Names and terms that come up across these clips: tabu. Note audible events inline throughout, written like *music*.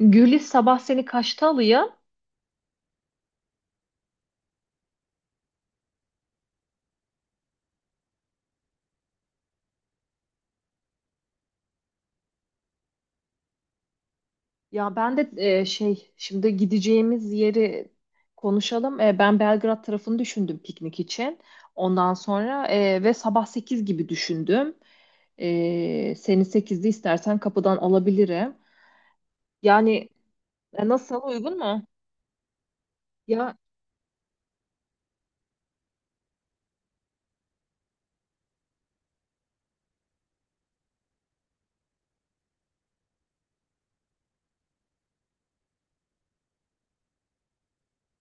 Gülis sabah seni kaçta alıyor? Ya ben de şimdi gideceğimiz yeri konuşalım. Ben Belgrad tarafını düşündüm piknik için. Ondan sonra e, ve sabah 8 gibi düşündüm. Seni 8'de istersen kapıdan alabilirim. Yani nasıl, uygun mu? Ya,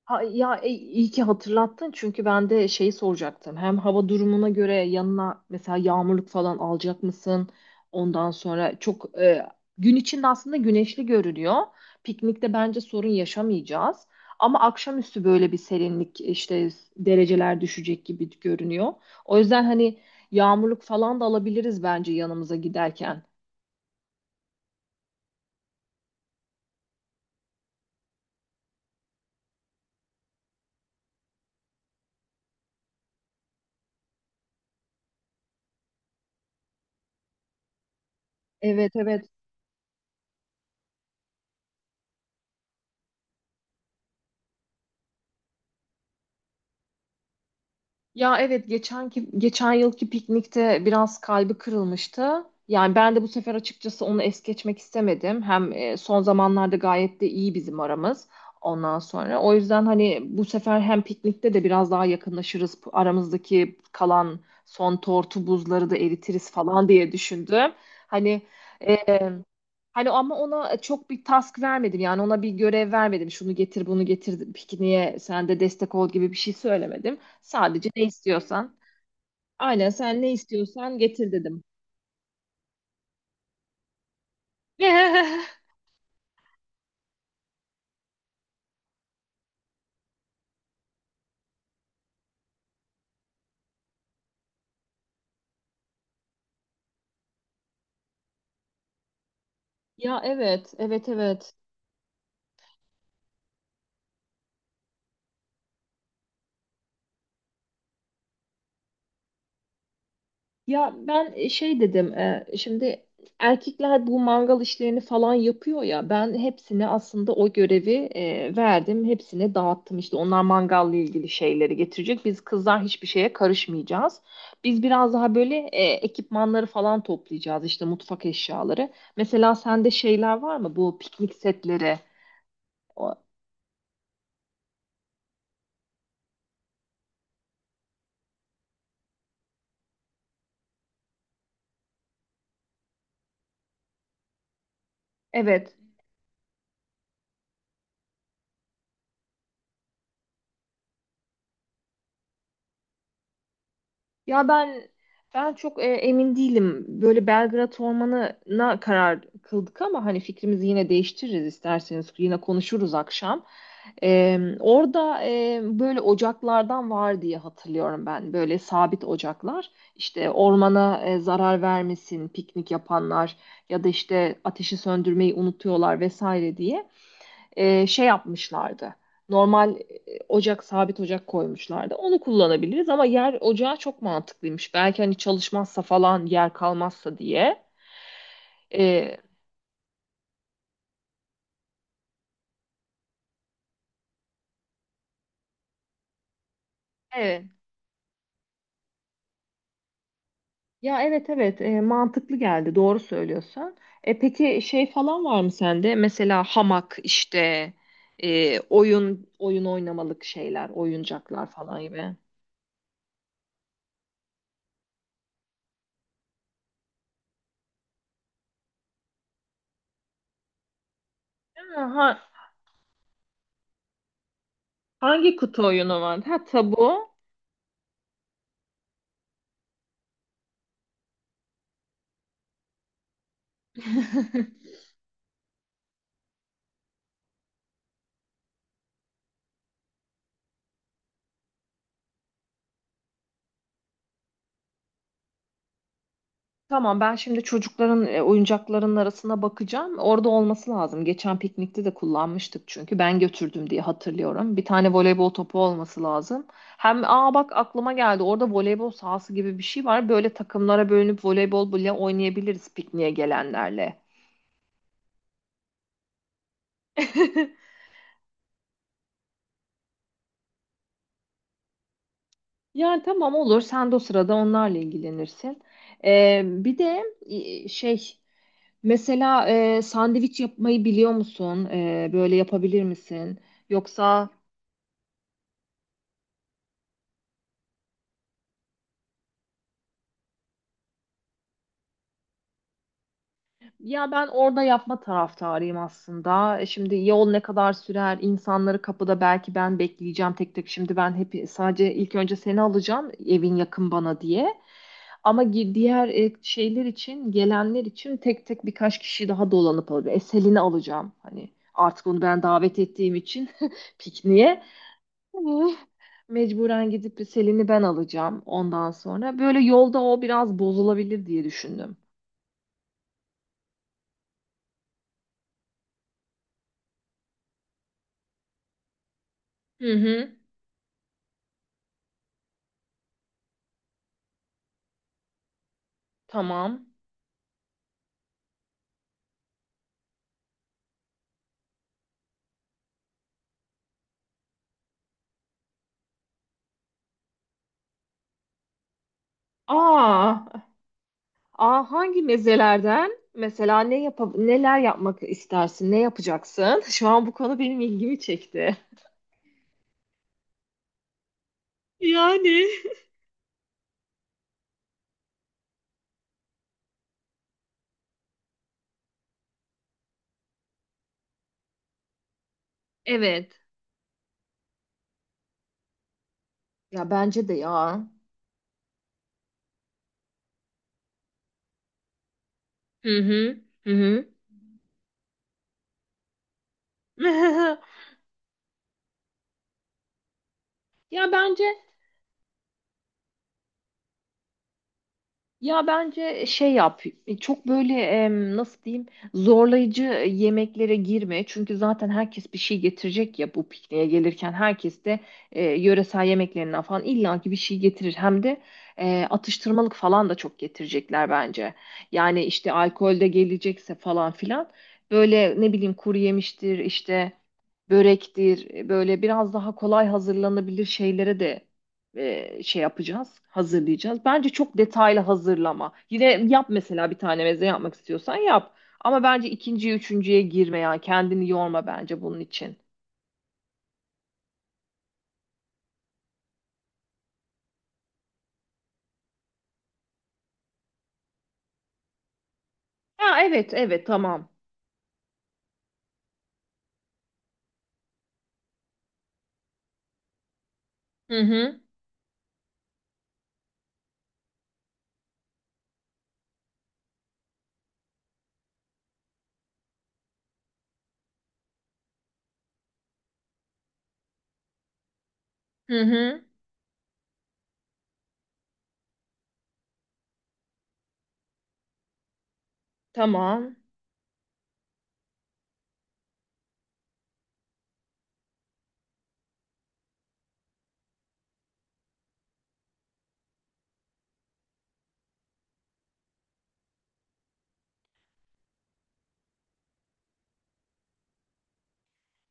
İyi ki hatırlattın çünkü ben de şeyi soracaktım. Hem hava durumuna göre yanına mesela yağmurluk falan alacak mısın? Ondan sonra çok gün içinde aslında güneşli görünüyor. Piknikte bence sorun yaşamayacağız. Ama akşamüstü böyle bir serinlik işte dereceler düşecek gibi görünüyor. O yüzden hani yağmurluk falan da alabiliriz bence yanımıza giderken. Evet, evet. Ya evet, geçenki geçen yılki piknikte biraz kalbi kırılmıştı. Yani ben de bu sefer açıkçası onu es geçmek istemedim. Hem son zamanlarda gayet de iyi bizim aramız ondan sonra. O yüzden hani bu sefer hem piknikte de biraz daha yakınlaşırız. Aramızdaki kalan son tortu buzları da eritiriz falan diye düşündüm. Hani ama ona çok bir task vermedim. Yani ona bir görev vermedim. Şunu getir, bunu getir, pikniğe sen de destek ol gibi bir şey söylemedim. Sadece ne istiyorsan. Aynen, sen ne istiyorsan getir dedim. *laughs* Ya evet, evet, evet. Ya ben şey dedim, şimdi erkekler bu mangal işlerini falan yapıyor ya, ben hepsine aslında o görevi verdim, hepsine dağıttım. İşte onlar mangalla ilgili şeyleri getirecek, biz kızlar hiçbir şeye karışmayacağız. Biz biraz daha böyle ekipmanları falan toplayacağız, işte mutfak eşyaları. Mesela sende şeyler var mı, bu piknik setleri? O- Evet. Ya ben çok emin değilim. Böyle Belgrad Ormanı'na karar kıldık ama hani fikrimizi yine değiştiririz isterseniz. Yine konuşuruz akşam. Orada böyle ocaklardan var diye hatırlıyorum ben. Böyle sabit ocaklar. İşte ormana zarar vermesin piknik yapanlar ya da işte ateşi söndürmeyi unutuyorlar vesaire diye şey yapmışlardı. Normal ocak, sabit ocak koymuşlardı. Onu kullanabiliriz ama yer ocağı çok mantıklıymış. Belki hani çalışmazsa falan, yer kalmazsa diye. E, evet. Ya evet, evet, mantıklı geldi, doğru söylüyorsun. Peki şey falan var mı sende? Mesela hamak işte, oyun oynamalık şeyler, oyuncaklar falan gibi. Ha, ha- hangi kutu oyunu var? Ha, tabu. *laughs* Tamam, ben şimdi çocukların oyuncaklarının arasına bakacağım. Orada olması lazım. Geçen piknikte de kullanmıştık çünkü ben götürdüm diye hatırlıyorum. Bir tane voleybol topu olması lazım. Hem aa, bak aklıma geldi. Orada voleybol sahası gibi bir şey var. Böyle takımlara bölünüp voleybol bile oynayabiliriz pikniğe gelenlerle. *laughs* Yani tamam, olur. Sen de o sırada onlarla ilgilenirsin. Bir de e, şey mesela sandviç yapmayı biliyor musun? Böyle yapabilir misin? Yoksa… Ya ben orada yapma taraftarıyım aslında. Şimdi yol ne kadar sürer? İnsanları kapıda belki ben bekleyeceğim tek tek. Şimdi ben hep sadece ilk önce seni alacağım, evin yakın bana diye. Ama diğer şeyler için, gelenler için tek tek birkaç kişi daha dolanıp alacağım. E, Selin'i alacağım. Hani artık onu ben davet ettiğim için *laughs* pikniğe. Hı. Mecburen gidip Selin'i ben alacağım ondan sonra. Böyle yolda o biraz bozulabilir diye düşündüm. Hı hı. Tamam. Aa, aa hangi mezelerden? Mesela ne yap neler yapmak istersin? Ne yapacaksın? *laughs* Şu an bu konu benim ilgimi çekti. Yani. Evet. Ya bence de ya. Hı hı. Hı hı. *laughs* Ya bence Ya bence şey yap, çok böyle nasıl diyeyim, zorlayıcı yemeklere girme. Çünkü zaten herkes bir şey getirecek ya, bu pikniğe gelirken herkes de yöresel yemeklerinden falan illaki bir şey getirir. Hem de atıştırmalık falan da çok getirecekler bence. Yani işte alkol de gelecekse falan filan, böyle ne bileyim kuru yemiştir işte, börektir, böyle biraz daha kolay hazırlanabilir şeylere de şey yapacağız, hazırlayacağız. Bence çok detaylı hazırlama. Yine yap, mesela bir tane meze yapmak istiyorsan yap. Ama bence ikinciye, üçüncüye girme, yani kendini yorma bence bunun için. Ha, evet, evet, tamam. Hı hı, hı hı, tamam.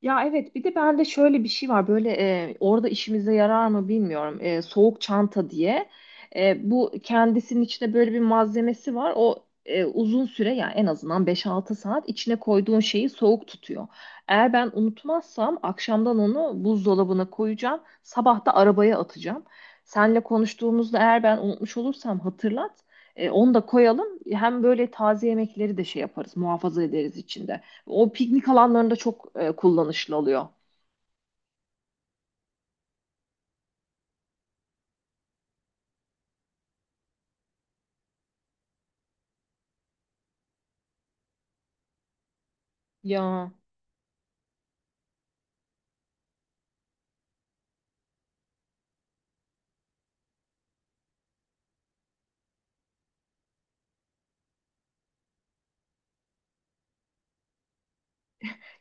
Ya evet, bir de bende şöyle bir şey var böyle, orada işimize yarar mı bilmiyorum. Soğuk çanta diye. Bu kendisinin içinde böyle bir malzemesi var, o uzun süre, yani en azından 5-6 saat içine koyduğun şeyi soğuk tutuyor. Eğer ben unutmazsam akşamdan onu buzdolabına koyacağım, sabah da arabaya atacağım. Seninle konuştuğumuzda eğer ben unutmuş olursam hatırlat. Onu da koyalım, hem böyle taze yemekleri de şey yaparız muhafaza ederiz içinde. O piknik alanlarında çok kullanışlı oluyor. Ya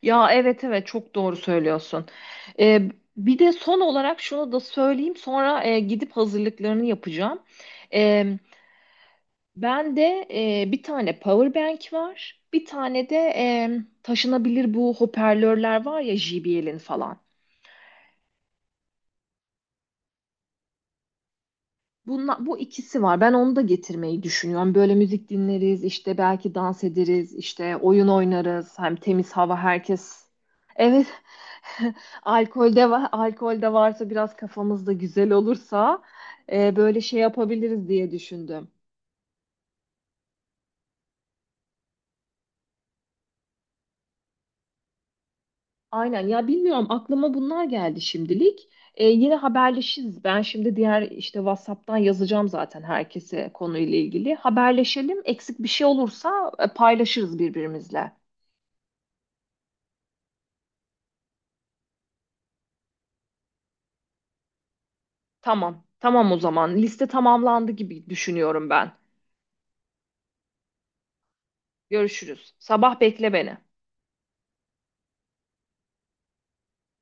ya evet, evet, çok doğru söylüyorsun. E, Bir de son olarak şunu da söyleyeyim, sonra gidip hazırlıklarını yapacağım. E, Ben de bir tane power bank var. Bir tane de taşınabilir bu hoparlörler var ya, JBL'in falan. Bunla, bu ikisi var. Ben onu da getirmeyi düşünüyorum. Böyle müzik dinleriz, işte belki dans ederiz, işte oyun oynarız. Hem temiz hava herkes. Evet. *laughs* Alkolde var, alkolde varsa biraz kafamız da güzel olursa böyle şey yapabiliriz diye düşündüm. Aynen ya, bilmiyorum, aklıma bunlar geldi şimdilik. Yine haberleşiriz. Ben şimdi diğer işte WhatsApp'tan yazacağım zaten herkese konuyla ilgili. Haberleşelim. Eksik bir şey olursa paylaşırız birbirimizle. Tamam. Tamam, o zaman. Liste tamamlandı gibi düşünüyorum ben. Görüşürüz. Sabah bekle beni.